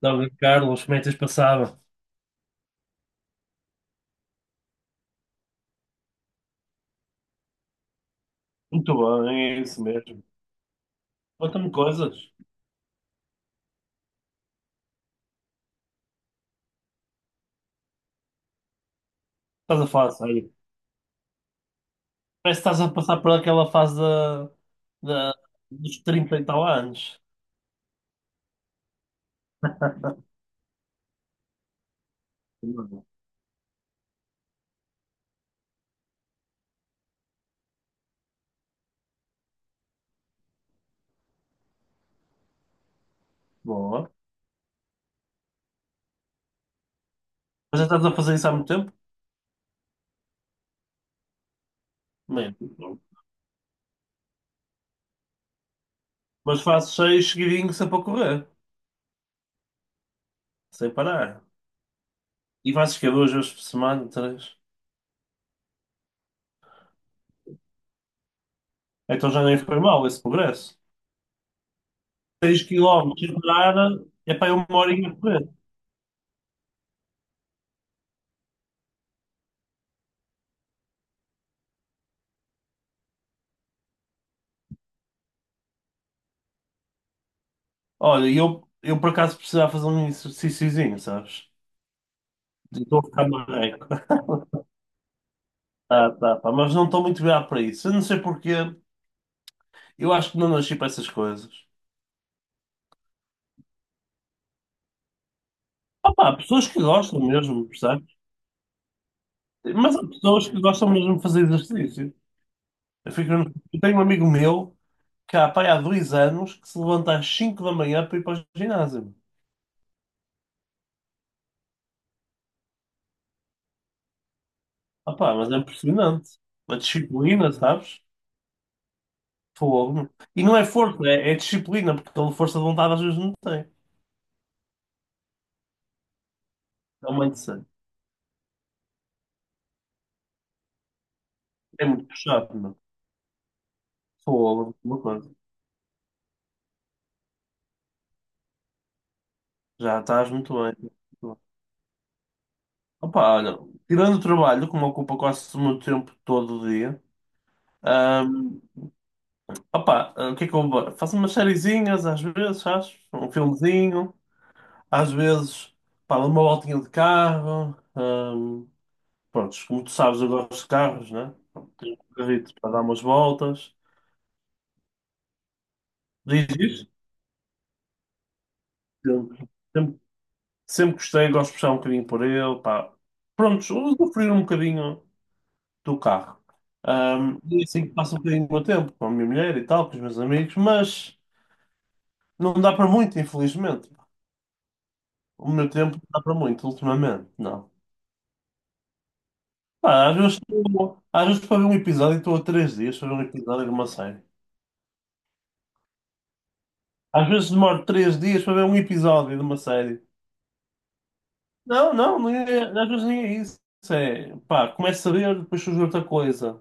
Dá-lhe, Carlos, como é que tens passado? Muito bem, é isso mesmo. Conta-me coisas. Estás a falar sério. Parece que estás a passar por aquela fase da, da- dos 30 e tal anos. Não. Boa. Mas já estás a fazer isso há muito tempo? Mesmo. Mas faço seis seguidinhos sempre a correr, sem parar. E fazes que duas vezes por semana, três. Então já nem foi mal esse progresso. Seis quilómetros sem parar é para uma horinha a correr. Olha, e eu por acaso precisava fazer um exercíciozinho, sabes? Estou a ficar marreco. Ah, tá, pá, mas não estou muito virado para isso. Eu não sei porquê. Eu acho que não nasci para essas coisas. Ah, pá, há pessoas que gostam mesmo, percebes? Mas há pessoas que gostam mesmo de fazer exercício. Eu, fico- eu tenho um amigo meu que há, pá, há 2 anos que se levanta às 5 da manhã para ir para o ginásio. Ah, pá, mas é impressionante. A disciplina, sabes? Fogo. E não é força, é disciplina, porque toda força de vontade às vezes não tem. É muito interessante. É muito puxado, meu. Fogo, uma coisa. Já estás muito bem. Opa, olha, tirando o trabalho, que me ocupa quase o meu tempo todo o dia, hum, opa, o que é que eu vou- faço umas sériezinhas às vezes, sabes? Um filmezinho, às vezes, pá, dou uma voltinha de carro, pronto, como tu sabes, eu gosto de carros, né? Tenho um carrito para dar umas voltas, diz isto, sempre, sempre, sempre gostei, gosto de puxar um bocadinho por ele, pá, pronto, usufruir um bocadinho do carro. E é assim que passo um bocadinho do meu tempo, com a minha mulher e tal, com os meus amigos, mas não dá para muito, infelizmente. O meu tempo não dá para muito, ultimamente, não. Pá, às vezes para ver um episódio estou a 3 dias para ver um episódio de uma série. Às vezes demoro 3 dias para ver um episódio de uma série. Não, não, nem é- às vezes nem é isso. Isso é, pá, começo a ver, depois surge outra coisa.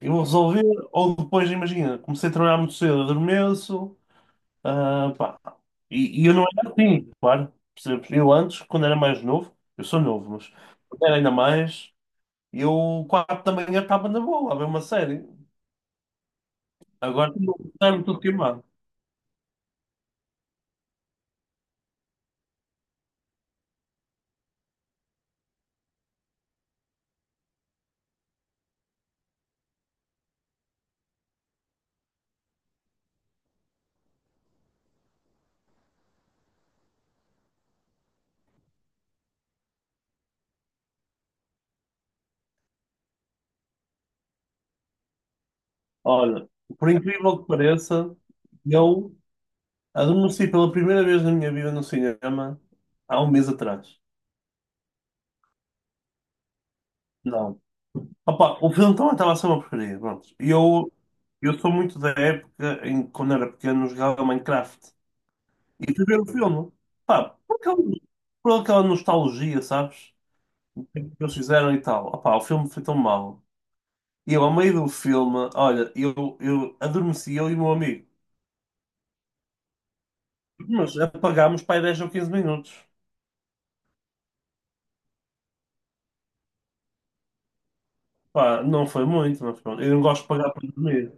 Eu vou resolver, ou depois, imagina, comecei a trabalhar muito cedo, adormeço. Ah, pá. E eu não era assim, claro. Percebes? Eu antes, quando era mais novo, eu sou novo, mas quando era ainda mais, eu 4 da manhã estava na boa a ver uma série. Agora está-me tudo queimado. Olha, por incrível que pareça, eu adormeci pela primeira vez na minha vida no cinema há um mês atrás. Não. Opa, o filme também estava a ser uma porcaria. Pronto. E eu sou muito da época em que, quando era pequeno, jogava Minecraft. E fui ver o filme. Pá, por aquela nostalgia, sabes? O que eles fizeram e tal. Opá, o filme foi tão mau. E eu, ao meio do filme, olha, eu adormeci, eu e o meu amigo. Mas apagámos para aí 10 ou 15 minutos. Pá, não foi muito, mas pronto. Eu não gosto de pagar para dormir.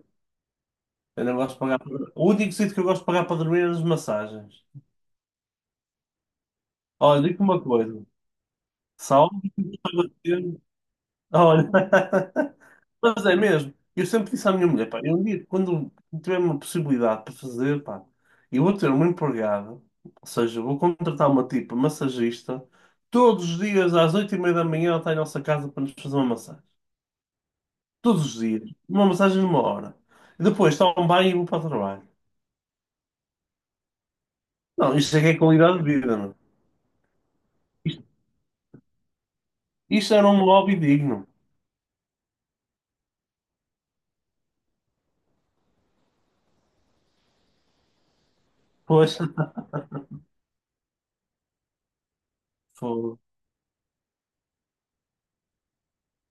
Eu não gosto de pagar para... O único sítio que eu gosto de pagar para dormir é as massagens. Olha, digo-te uma coisa. Salve, olha. Mas é mesmo. Eu sempre disse à minha mulher, pá, eu um dia, quando tiver uma possibilidade para fazer, pá, eu vou ter uma empregada, ou seja, vou contratar uma tipo massagista, todos os dias às 8h30 da manhã ela está em nossa casa para nos fazer uma massagem. Todos os dias. Uma massagem de uma hora. E depois tomo um banho e vou para o trabalho. Não, isto é que é qualidade de vida, não é? Isto, isto era um hobby digno. Pois, fogo.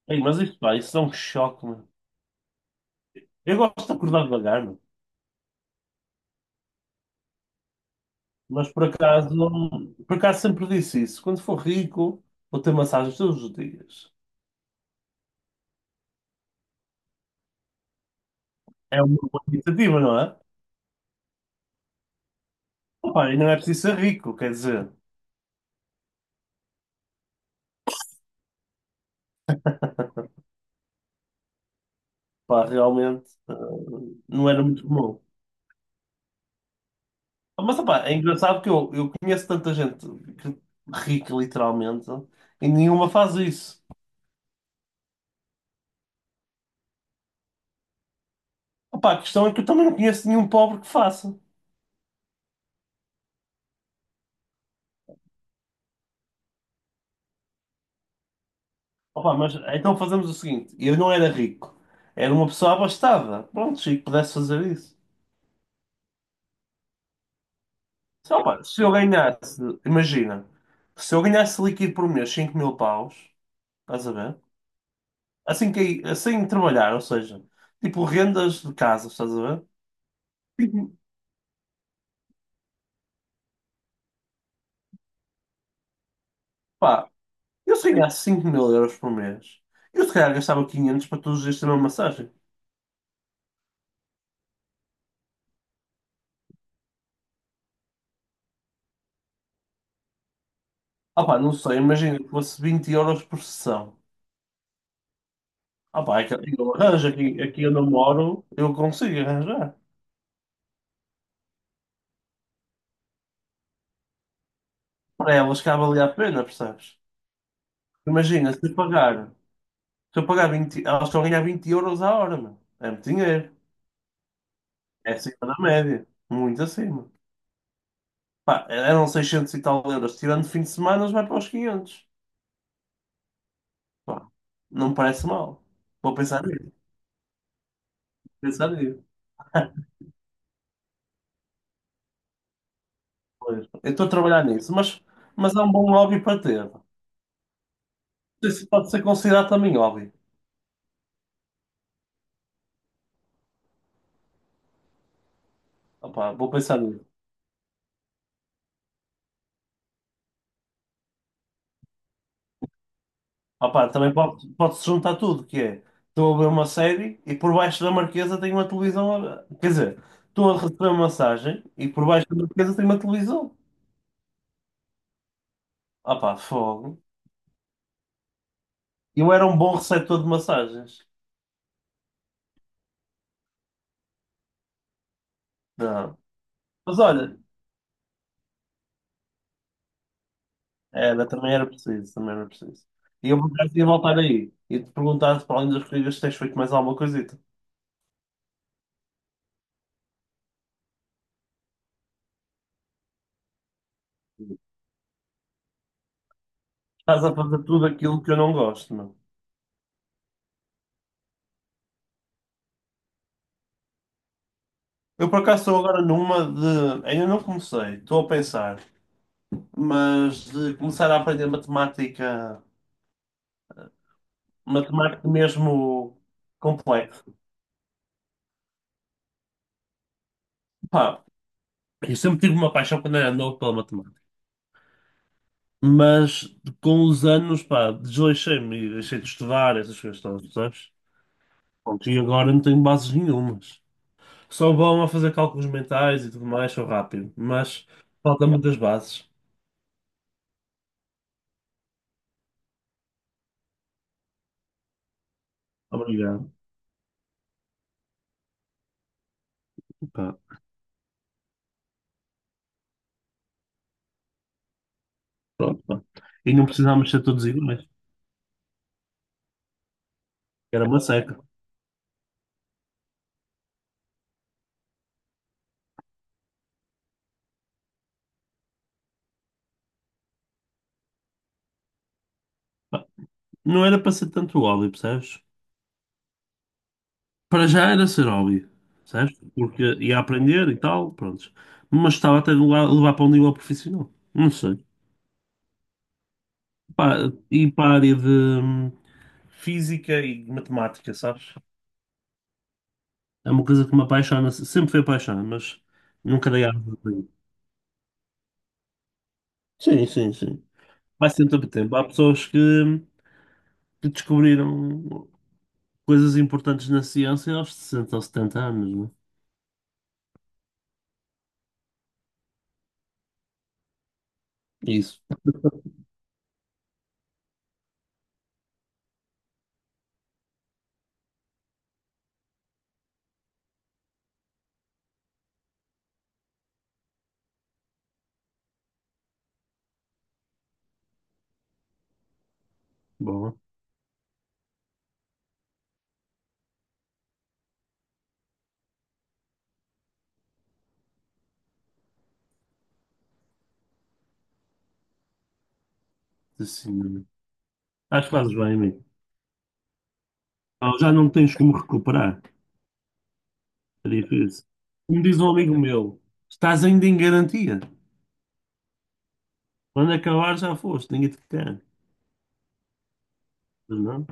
Ei, mas isto, pá, isso é um choque, mano. Eu gosto de acordar devagar, mano. Mas por acaso, por acaso sempre disse isso. Quando for rico, vou ter massagens todos os dias. É uma boa iniciativa, não é? Opa, e não é preciso ser rico, quer dizer, pá, realmente não era muito comum. Mas opa, é engraçado que eu conheço tanta gente que- rica, literalmente, e nenhuma faz isso. Opa, a questão é que eu também não conheço nenhum pobre que faça. Opa, mas então fazemos o seguinte: eu não era rico, era uma pessoa abastada. Pronto, se pudesse fazer isso. Só, pá, se eu ganhasse, imagina, se eu ganhasse líquido por mês 5 mil paus, estás a ver? Assim que, assim trabalhar, ou seja, tipo rendas de casa, estás a ver? Tipo, pá, eu se ganhasse 5 mil euros por mês, eu se calhar gastava 500 para todos os dias ter uma massagem. Ah pá, não sei, imagina que fosse 20 € por sessão. Ah pá, é que eu arranjo aqui onde eu moro, eu consigo arranjar. Para elas cabe ali a pena, percebes? Imagina, se eu pagar. Se eu pagar 20 elas estão a ganhar 20 € a hora, meu. É muito dinheiro. É acima da média. Muito acima. Pá, eram 600 e tal euros. Tirando fim de semana, vai para os 500. Pá, não me parece mal. Vou pensar nisso. Vou pensar nisso. Pois. Eu estou a trabalhar nisso, mas é um bom hobby para ter. Não sei se pode ser considerado também hobby. Opá, vou pensar nisso. Opa, também pode-se juntar tudo, que é, estou a ver uma série e por baixo da marquesa tem uma televisão, quer dizer, estou a receber uma massagem e por baixo da marquesa tem uma televisão. Opa, fogo. Eu era um bom receptor de massagens. Não. Mas olha, era, também era preciso, também era preciso. E eu por acaso ia voltar aí e te perguntar para além das corridas se tens feito mais alguma coisita. Estás a fazer tudo aquilo que eu não gosto, meu. Eu por acaso estou agora numa de. Ainda não comecei, estou a pensar. Mas de começar a aprender matemática, matemática mesmo complexa. Pá, eu sempre tive uma paixão quando era novo pela matemática, mas com os anos, pá, desleixei-me e deixei de estudar essas coisas todas, sabes? Pronto, e agora não tenho bases nenhumas. Sou bom a fazer cálculos mentais e tudo mais, sou rápido, mas falta muitas bases. Obrigado. Pá, pronto, pá. E não precisávamos ser todos iguais, era uma seca. Pá, não era para ser tanto óleo, percebes? Para já era ser hobby, certo? Porque ia aprender e tal, pronto. Mas estava até a levar para um nível profissional. Não sei. Pá, e para a área de física e matemática, sabes? É uma coisa que me apaixona, sempre foi apaixonada, mas nunca dei asa para isso. Sim, sim, sim. Vai sempre a tempo. Há pessoas que descobriram coisas importantes na ciência aos 60 ou 70 anos, não é? Isso. Bom, assim, acho que fazes bem, amigo. Ah, já não tens como recuperar. É difícil. Como diz um amigo meu, estás ainda em garantia. Quando acabar já foste, ninguém te quer. Mas não?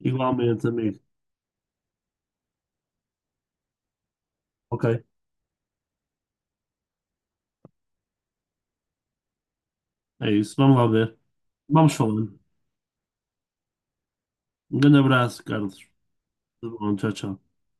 Igualmente, amigo. Ok, é isso. Vamos lá ver. Vamos falando. Um grande abraço, Carlos. Tudo bom, tchau, tchau.